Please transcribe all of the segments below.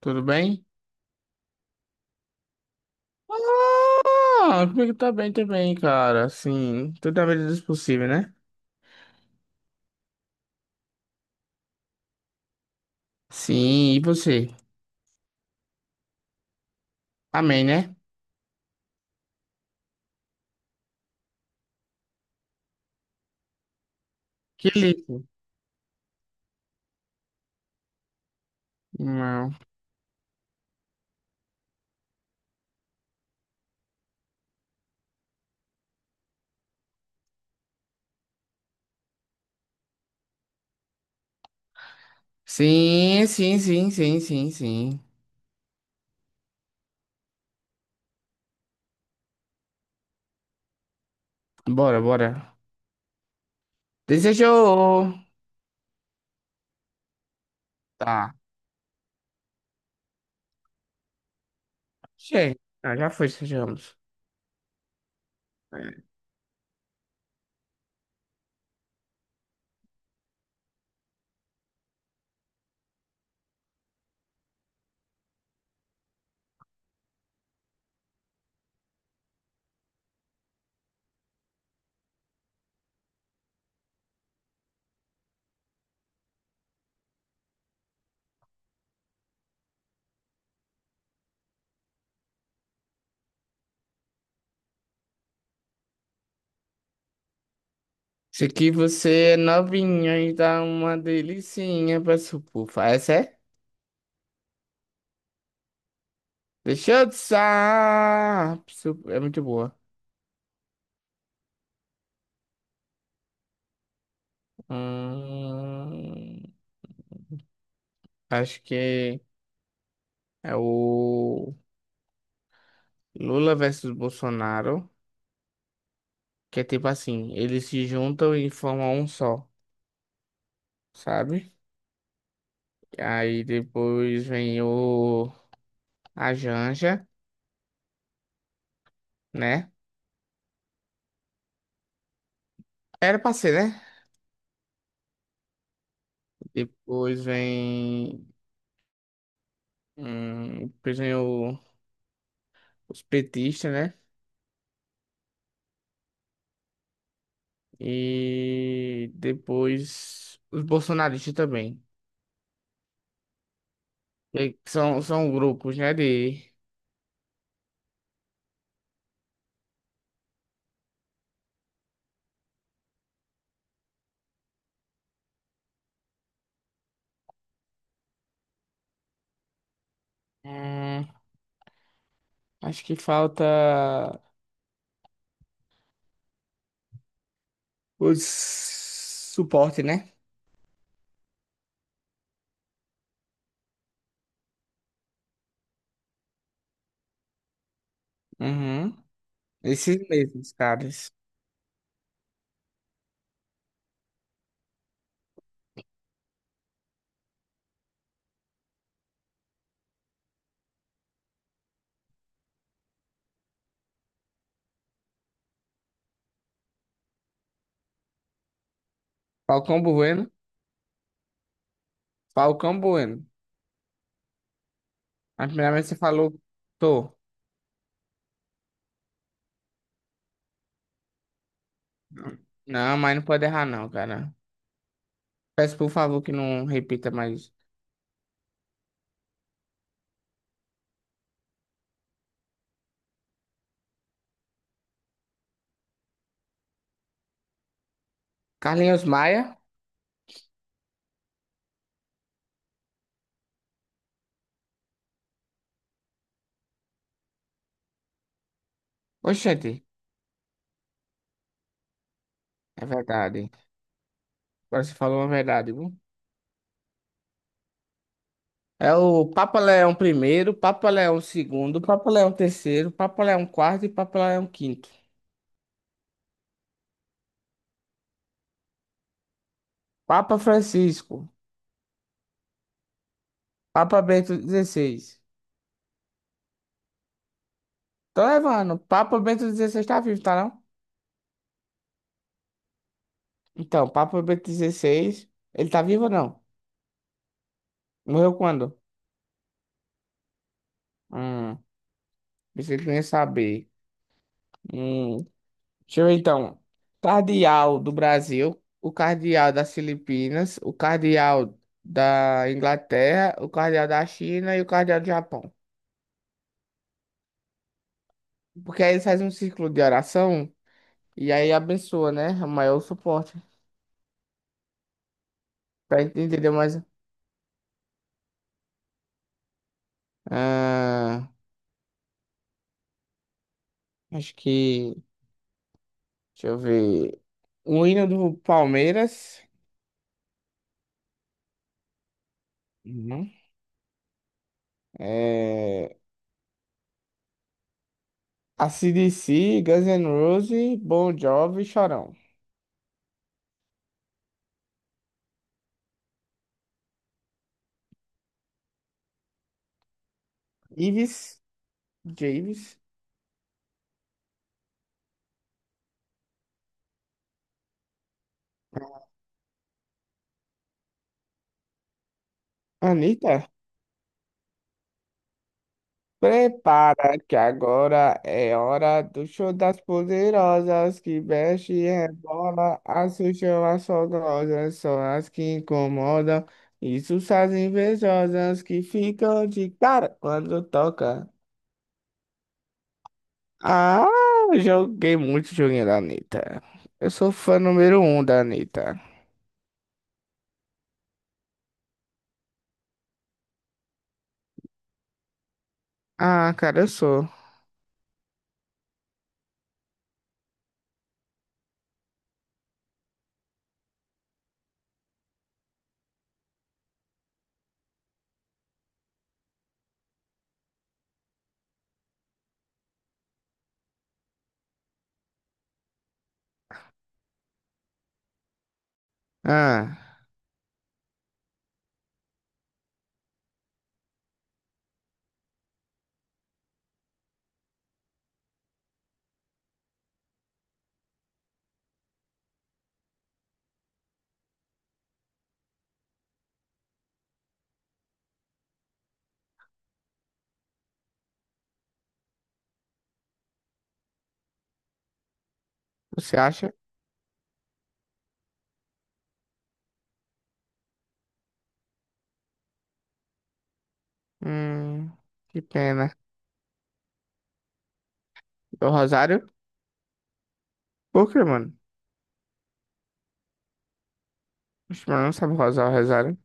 Tudo bem? Ah, comigo tá bem também, cara. Assim, toda a medida do possível, né? Sim, e você? Amém, né? Que lindo. Não. Sim, sim, sim, sim, sim, sim. Bora, bora. Desejou. Tá. Cheio. Ah, já foi, desejamos. Se aqui você é novinha e dá uma delicinha pra supufa. Essa é? Deixa eu dançar. É muito boa. Hum. Acho que é o Lula versus Bolsonaro, que é tipo assim, eles se juntam e formam um só, sabe? Aí depois vem o a Janja, né? Era pra ser, né? Depois vem, depois vem os petistas, né? E depois os bolsonaristas também. E são grupos, né? Hum, Acho que falta. Os suporte, né? Uhum. Esses mesmos, caras. Falcão Bueno. Falcão Bueno. A primeira vez que você falou, tô. Não, mas não pode errar, não, cara. Peço por favor que não repita mais. Carlinhos Maia. Oxente, é verdade. Agora você falou uma verdade, viu? É o Papa Leão primeiro, Papa Leão segundo, Papa Leão terceiro, Papa Leão quarto e Papa Leão quinto. Papa Francisco, Papa Bento XVI. Tô levando. Papa Bento XVI tá vivo, tá não? Então, Papa Bento XVI, ele tá vivo ou não? Morreu quando? Hum, Pensei que não ia saber. Hum, Deixa eu ver então. Cardeal do Brasil, o cardeal das Filipinas, o cardeal da Inglaterra, o cardeal da China e o cardeal do Japão. Porque aí eles fazem um círculo de oração e aí abençoa, né? O maior suporte. Pra gente entender mais. Ah, acho que. Deixa eu ver. O hino do Palmeiras. Uhum. É... AC/DC, Guns N' Roses, Bon Jovi, Chorão. Ives, Javes, Anitta. Prepara que agora é hora do show das poderosas, que mexe e rebola, assustam as fogosas, são as que incomodam, isso as invejosas que ficam de cara quando toca. Ah, eu joguei muito joguinho da Anitta. Eu sou fã número um da Anitta. Ah, cara, eu sou. Ah, você acha? Hum, que pena. Do Rosário? Por que, mano? Oxe, mano, não sabe rosar o Rosário.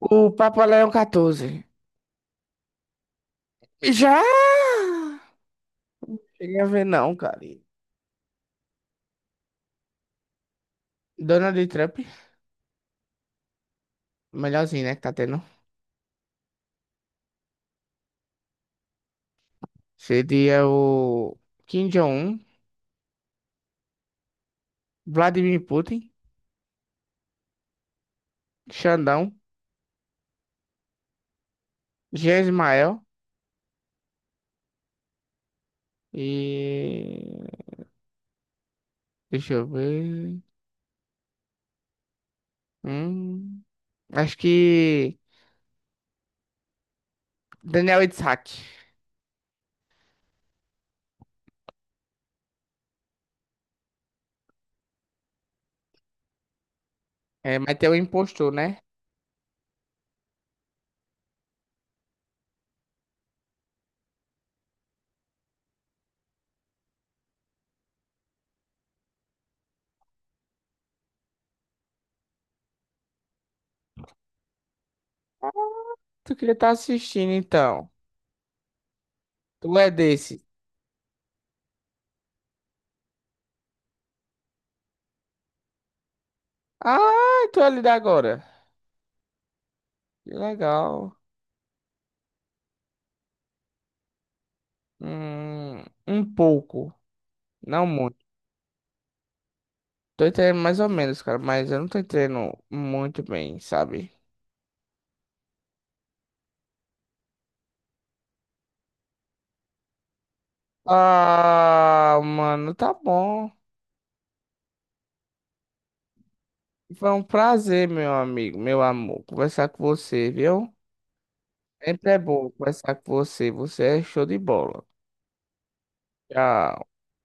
O Papa Leão 14. Já! Cheguei a ver não, cara. Donald Trump, melhorzinho, né, que tá tendo. Seria o Kim Jong-un, Vladimir Putin, Xandão, Jean Ismael e... Deixa eu ver. Hum, Acho que Daniel Itzhak. É, mas tem um impostor, né? Ah, tu queria estar assistindo, então. Tu é desse. Ah, tu é ali da agora. Que legal. Um pouco. Não muito. Tô entendendo mais ou menos, cara. Mas eu não tô entendendo muito bem, sabe? Ah, mano, tá bom. Foi um prazer, meu amigo, meu amor, conversar com você, viu? Sempre é bom conversar com você. Você é show de bola. Tchau.